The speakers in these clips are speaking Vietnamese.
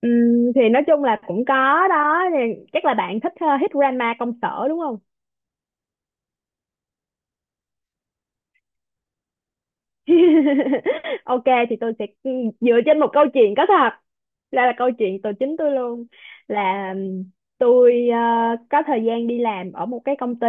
Thì nói chung là cũng có đó. Thì chắc là bạn thích Hit Grandma công sở đúng không? Ok, thì tôi sẽ dựa trên một câu chuyện có thật, là câu chuyện tôi, chính tôi luôn. Là tôi có thời gian đi làm ở một cái công ty,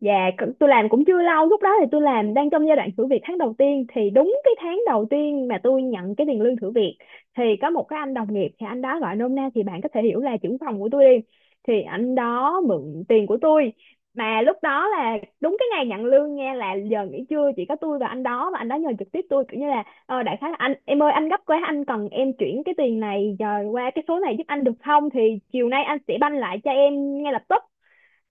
và tôi làm cũng chưa lâu, lúc đó thì tôi làm đang trong giai đoạn thử việc tháng đầu tiên. Thì đúng cái tháng đầu tiên mà tôi nhận cái tiền lương thử việc thì có một cái anh đồng nghiệp, thì anh đó gọi nôm na thì bạn có thể hiểu là trưởng phòng của tôi đi. Thì anh đó mượn tiền của tôi, mà lúc đó là đúng cái ngày nhận lương nha, là giờ nghỉ trưa chỉ có tôi và anh đó, và anh đó nhờ trực tiếp tôi kiểu như là đại khái là anh em ơi, anh gấp quá, anh cần em chuyển cái tiền này giờ qua cái số này giúp anh được không, thì chiều nay anh sẽ banh lại cho em ngay lập tức.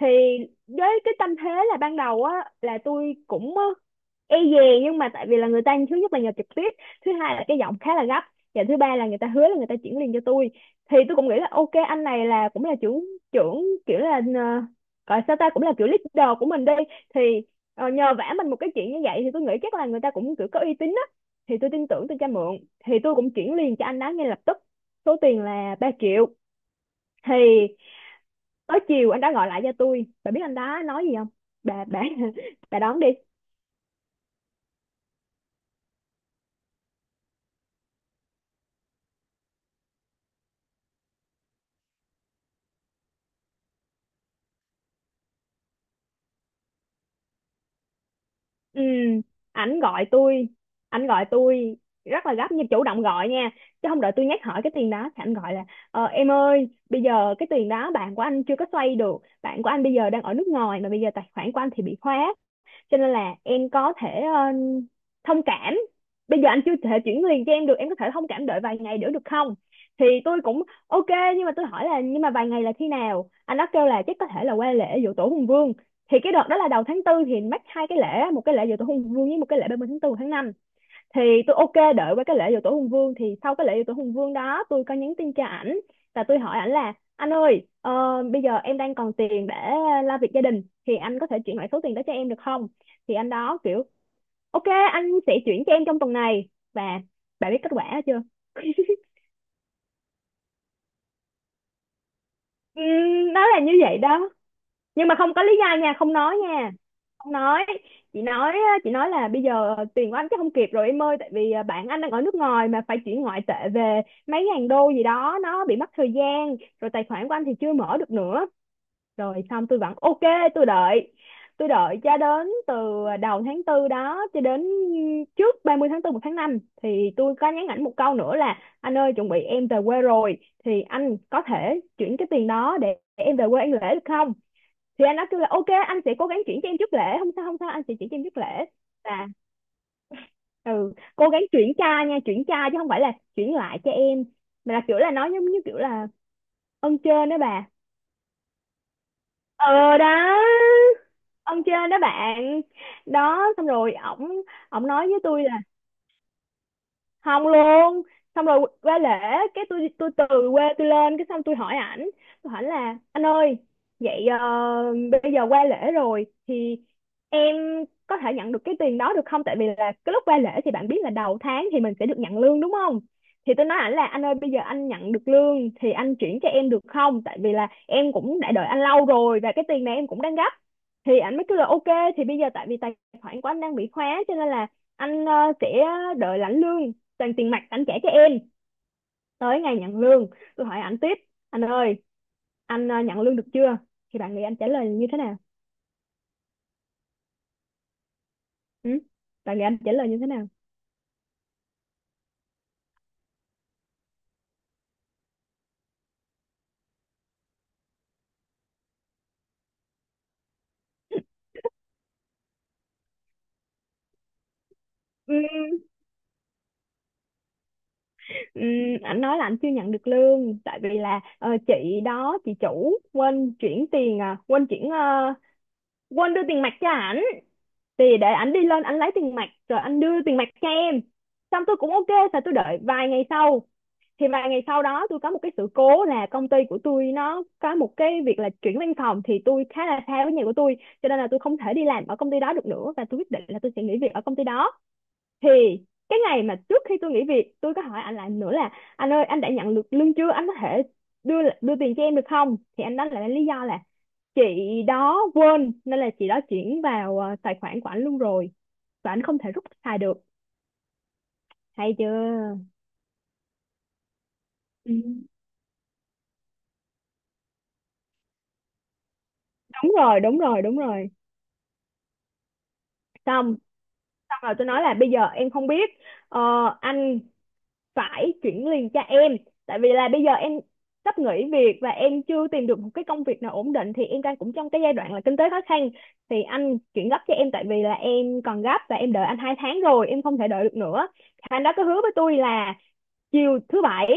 Thì với cái tâm thế là ban đầu á, là tôi cũng e dè, nhưng mà tại vì là người ta thứ nhất là nhờ trực tiếp, thứ hai là cái giọng khá là gấp, và thứ ba là người ta hứa là người ta chuyển liền cho tôi. Thì tôi cũng nghĩ là ok, anh này là cũng là trưởng trưởng kiểu là, gọi sao ta, cũng là kiểu leader của mình đi. Thì nhờ vả mình một cái chuyện như vậy thì tôi nghĩ chắc là người ta cũng kiểu có uy tín á, thì tôi tin tưởng, tôi cho mượn. Thì tôi cũng chuyển liền cho anh đó ngay lập tức, số tiền là 3 triệu. Thì tới chiều anh đã gọi lại cho tôi, bà biết anh đó nói gì không? Bà bà đón đi. Ừ, ảnh gọi tôi ảnh gọi tôi rất là gấp, nhưng chủ động gọi nha, chứ không đợi tôi nhắc hỏi cái tiền đó. Thì ảnh gọi là em ơi, bây giờ cái tiền đó bạn của anh chưa có xoay được, bạn của anh bây giờ đang ở nước ngoài, mà bây giờ tài khoản của anh thì bị khóa, cho nên là em có thể thông cảm, bây giờ anh chưa thể chuyển liền cho em được, em có thể thông cảm đợi vài ngày nữa được không? Thì tôi cũng ok, nhưng mà tôi hỏi là nhưng mà vài ngày là khi nào. Anh đó kêu là chắc có thể là qua lễ giỗ tổ Hùng Vương. Thì cái đợt đó là đầu tháng tư thì mắc hai cái lễ, một cái lễ giỗ tổ Hùng Vương với một cái lễ 30 tháng 4 tháng năm. Thì tôi ok, đợi qua cái lễ dỗ tổ Hùng Vương. Thì sau cái lễ dỗ tổ Hùng Vương đó tôi có nhắn tin cho ảnh, và tôi hỏi ảnh là anh ơi, bây giờ em đang còn tiền để lo việc gia đình, thì anh có thể chuyển lại số tiền đó cho em được không? Thì anh đó kiểu ok, anh sẽ chuyển cho em trong tuần này. Và bà biết kết quả chưa? Nó là như vậy đó, nhưng mà không có lý do nha, không nói nha, không nói. Chị nói á, chị nói là bây giờ tiền của anh chắc không kịp rồi em ơi, tại vì bạn anh đang ở nước ngoài mà phải chuyển ngoại tệ về, mấy ngàn đô gì đó nó bị mất thời gian, rồi tài khoản của anh thì chưa mở được nữa. Rồi xong tôi vẫn ok, tôi đợi, tôi đợi cho đến từ đầu tháng tư đó, cho đến trước 30 tháng 4, 1 tháng 5 thì tôi có nhắn ảnh một câu nữa là anh ơi, chuẩn bị em về quê rồi, thì anh có thể chuyển cái tiền đó để em về quê ăn lễ được không? Thì anh đã kêu là ok, anh sẽ cố gắng chuyển cho em trước lễ, không sao không sao, anh sẽ chuyển cho em trước lễ. Là ừ, cố gắng chuyển ca nha, chuyển ca chứ không phải là chuyển lại cho em, mà là kiểu là nói giống như kiểu là ơn trên đó bà. Ờ đó, ơn trên đó bạn. Đó xong rồi ổng, ổng nói với tôi không luôn. Xong rồi qua lễ, cái tôi từ quê tôi lên, cái xong tôi hỏi ảnh, tôi hỏi là anh ơi, vậy bây giờ qua lễ rồi thì em có thể nhận được cái tiền đó được không, tại vì là cái lúc qua lễ thì bạn biết là đầu tháng thì mình sẽ được nhận lương đúng không? Thì tôi nói ảnh là anh ơi, bây giờ anh nhận được lương thì anh chuyển cho em được không, tại vì là em cũng đã đợi anh lâu rồi và cái tiền này em cũng đang gấp. Thì ảnh mới kêu là ok, thì bây giờ tại vì tài khoản của anh đang bị khóa, cho nên là anh sẽ đợi lãnh lương toàn tiền mặt anh trả cho em. Tới ngày nhận lương tôi hỏi anh tiếp, anh ơi anh nhận lương được chưa? Thì bạn nghĩ anh trả lời như thế nào? Ừ? Bạn nghĩ anh trả lời như thế nào? ừ, ừ, anh nói là anh chưa nhận được lương, tại vì là chị đó, chị chủ quên chuyển tiền, à quên chuyển, quên đưa tiền mặt cho ảnh, thì để ảnh đi lên ảnh lấy tiền mặt rồi anh đưa tiền mặt cho em. Xong tôi cũng ok sao, tôi đợi vài ngày sau. Thì vài ngày sau đó tôi có một cái sự cố là công ty của tôi nó có một cái việc là chuyển văn phòng, thì tôi khá là xa với nhà của tôi, cho nên là tôi không thể đi làm ở công ty đó được nữa, và tôi quyết định là tôi sẽ nghỉ việc ở công ty đó. Thì cái ngày mà trước khi tôi nghỉ việc, tôi có hỏi anh lại nữa là anh ơi, anh đã nhận được lương chưa, anh có thể đưa đưa tiền cho em được không? Thì anh đó lại lý do là chị đó quên, nên là chị đó chuyển vào tài khoản của anh luôn rồi, và anh không thể rút xài được hay chưa. Ừ. Đúng rồi đúng rồi đúng rồi. Xong, xong rồi tôi nói là bây giờ em không biết, ờ, anh phải chuyển liền cho em, tại vì là bây giờ em sắp nghỉ việc và em chưa tìm được một cái công việc nào ổn định, thì em đang cũng trong cái giai đoạn là kinh tế khó khăn, thì anh chuyển gấp cho em, tại vì là em còn gấp và em đợi anh 2 tháng rồi, em không thể đợi được nữa. Anh đó có hứa với tôi là chiều thứ bảy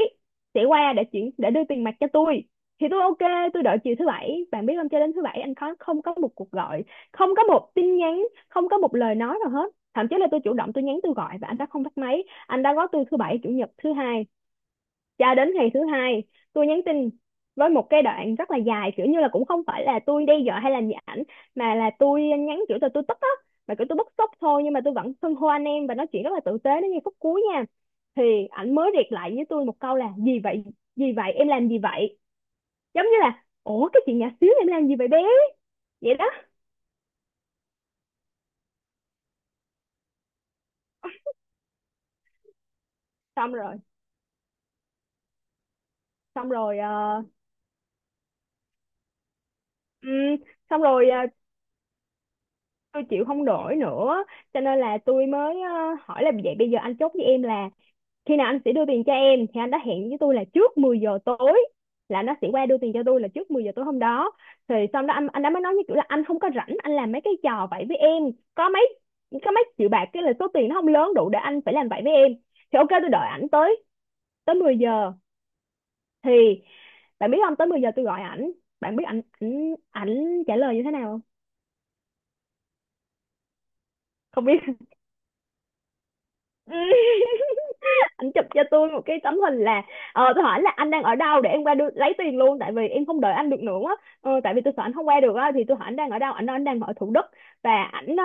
sẽ qua để chuyển, để đưa tiền mặt cho tôi. Thì tôi ok, tôi đợi chiều thứ bảy. Bạn biết không, cho đến thứ bảy anh có không có một cuộc gọi, không có một tin nhắn, không có một lời nói nào hết, thậm chí là tôi chủ động tôi nhắn, tôi gọi và anh đã không bắt máy. Anh đã gói tôi thứ bảy chủ nhật thứ hai, cho đến ngày thứ hai tôi nhắn tin với một cái đoạn rất là dài, kiểu như là cũng không phải là tôi đe dọa hay là gì ảnh, mà là tôi nhắn kiểu là tôi tức á, mà kiểu tôi bức xúc thôi, nhưng mà tôi vẫn xưng hô anh em và nói chuyện rất là tử tế đến ngay phút cuối nha. Thì ảnh mới riệt lại với tôi một câu là gì vậy, gì vậy, em làm gì vậy, giống như là ủa cái chuyện nhỏ xíu, em làm gì vậy bé, vậy đó. Xong rồi, xong rồi ừm, xong rồi tôi chịu không nổi nữa, cho nên là tôi mới hỏi là vậy bây giờ anh chốt với em là khi nào anh sẽ đưa tiền cho em. Thì anh đã hẹn với tôi là trước 10 giờ tối, là nó sẽ qua đưa tiền cho tôi là trước 10 giờ tối hôm đó. Thì xong đó anh đã mới nói như kiểu là anh không có rảnh anh làm mấy cái trò vậy với em, có mấy có mấy triệu bạc, cái là số tiền nó không lớn đủ để anh phải làm vậy với em. Thì ok tôi đợi ảnh tới, tới 10 giờ. Thì bạn biết không, tới 10 giờ tôi gọi ảnh, bạn biết ảnh ảnh ảnh trả lời như thế nào không? Không biết. Ảnh chụp cho tôi một cái tấm hình là, tôi hỏi là anh đang ở đâu để em qua đưa, lấy tiền luôn tại vì em không đợi anh được nữa á. Ờ, tại vì tôi sợ anh không qua được á thì tôi hỏi anh đang ở đâu, anh nói anh đang ở Thủ Đức và ảnh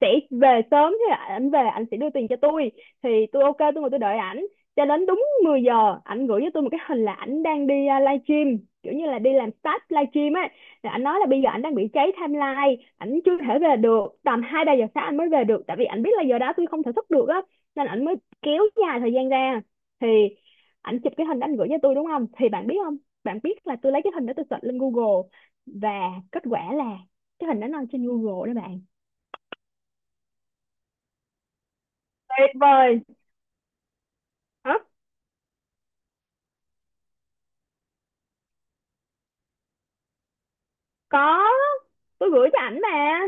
sẽ về sớm, thế là ảnh về ảnh sẽ đưa tiền cho tôi. Thì tôi ok, tôi ngồi tôi đợi ảnh cho đến đúng 10 giờ ảnh gửi cho tôi một cái hình là ảnh đang đi live stream, kiểu như là đi làm stage live stream ấy. Rồi ảnh nói là bây giờ ảnh đang bị cháy timeline, ảnh chưa thể về được, tầm hai ba giờ sáng ảnh mới về được tại vì ảnh biết là giờ đó tôi không thể thức được á, nên ảnh mới kéo dài thời gian ra. Thì ảnh chụp cái hình đó ảnh gửi cho tôi đúng không, thì bạn biết không, bạn biết là tôi lấy cái hình đó tôi search lên Google và kết quả là cái hình đó nó trên Google đó bạn. Tuyệt vời. Hả? Có, tôi gửi cho ảnh mà.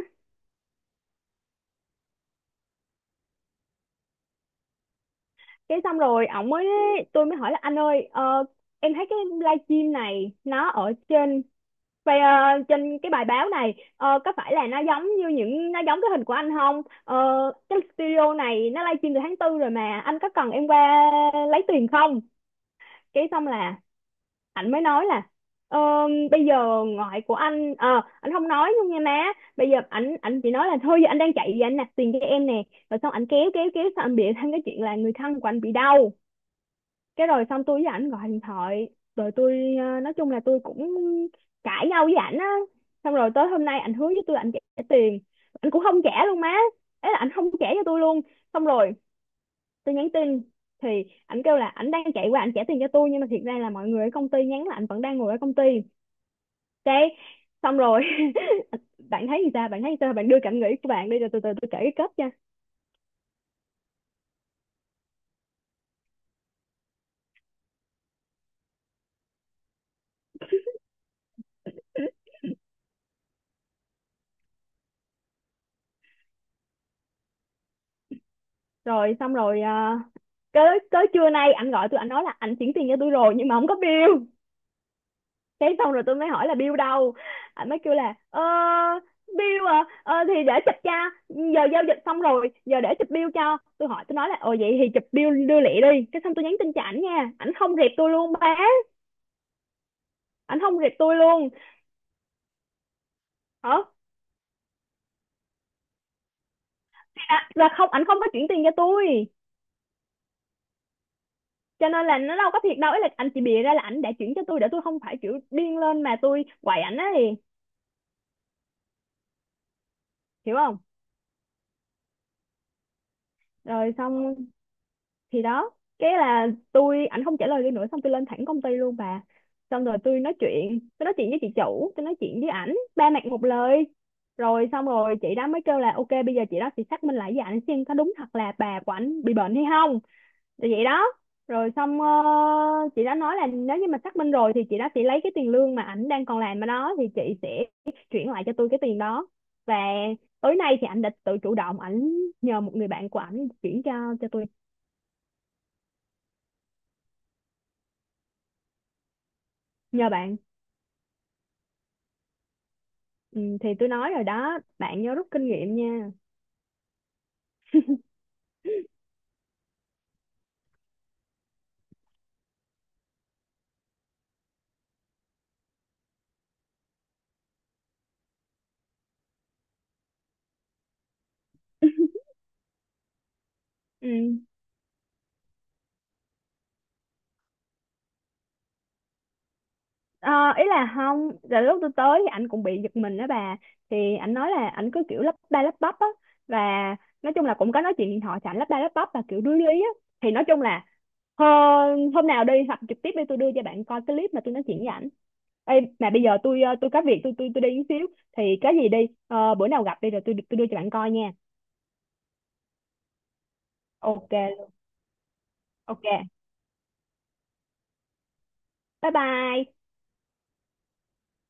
Cái xong rồi ổng mới, tôi mới hỏi là anh ơi, em thấy cái livestream này nó ở trên vậy, trên cái bài báo này có phải là nó giống như những nó giống cái hình của anh không? Ờ, cái studio này nó livestream từ tháng tư rồi mà, anh có cần em qua lấy tiền không? Cái xong là ảnh mới nói là "Ờ, bây giờ ngoại của anh anh không nói luôn nha má, bây giờ anh chỉ nói là thôi giờ anh đang chạy về anh nạp tiền cho em nè". Rồi xong anh kéo kéo kéo xong anh bịa thêm cái chuyện là người thân của anh bị đau. Cái rồi xong tôi với ảnh gọi điện thoại, rồi tôi nói chung là tôi cũng cãi nhau với ảnh á. Xong rồi tới hôm nay ảnh hứa với tôi là ảnh trả tiền, ảnh cũng không trả luôn má, ấy là ảnh không trả cho tôi luôn. Xong rồi tôi nhắn tin thì ảnh kêu là ảnh đang chạy qua ảnh trả tiền cho tôi, nhưng mà thiệt ra là mọi người ở công ty nhắn là ảnh vẫn đang ngồi ở công ty. Đấy, xong rồi bạn thấy gì ta? Bạn thấy gì ta? Bạn đưa cảm nghĩ của bạn đi rồi từ từ tôi kể cái kết nha. Rồi xong rồi à, tới tới trưa nay ảnh gọi tôi, anh nói là ảnh chuyển tiền cho tôi rồi nhưng mà không có bill. Cái xong rồi tôi mới hỏi là bill đâu? Ảnh mới kêu là bill à, thì để chụp cho, giờ giao dịch xong rồi giờ để chụp bill cho tôi. Hỏi tôi nói là ồ vậy thì chụp bill đưa lẹ đi, cái xong tôi nhắn tin cho ảnh nha, ảnh không rep tôi luôn ba, ảnh không rep tôi luôn. Hả? Là không, ảnh không có chuyển tiền cho tôi cho nên là nó đâu có thiệt đâu, ấy là anh chỉ bịa ra là ảnh đã chuyển cho tôi để tôi không phải kiểu điên lên mà tôi quậy ảnh á, thì hiểu không? Rồi xong, thì đó, cái là tôi ảnh không trả lời tôi nữa, xong tôi lên thẳng công ty luôn bà. Xong rồi tôi nói chuyện với chị chủ, tôi nói chuyện với ảnh ba mặt một lời. Rồi xong rồi chị đó mới kêu là ok, bây giờ chị đó sẽ xác minh lại với ảnh xem có đúng thật là bà của ảnh bị bệnh hay không. Thì vậy đó, rồi xong, chị đã nói là nếu như mà xác minh rồi thì chị đã sẽ lấy cái tiền lương mà ảnh đang còn làm ở đó thì chị sẽ chuyển lại cho tôi cái tiền đó. Và tối nay thì ảnh đã tự chủ động ảnh nhờ một người bạn của ảnh chuyển cho tôi, nhờ bạn. Ừ, thì tôi nói rồi đó, bạn nhớ rút kinh nghiệm nha. Ừ. Ờ, ý là không, là lúc tôi tới thì anh cũng bị giật mình đó bà, thì anh nói là anh cứ kiểu lắp ba lắp bắp á, và nói chung là cũng có nói chuyện điện thoại thì anh lắp ba lắp bắp và kiểu đuối lý á. Thì nói chung là, ờ, hôm nào đi hoặc trực tiếp đi tôi đưa cho bạn coi cái clip mà tôi nói chuyện với ảnh. Ê, mà bây giờ tôi tôi có việc, tôi đi một xíu, thì cái gì đi, ờ, bữa nào gặp đi rồi tôi đưa cho bạn coi nha. Ok ok, bye bye.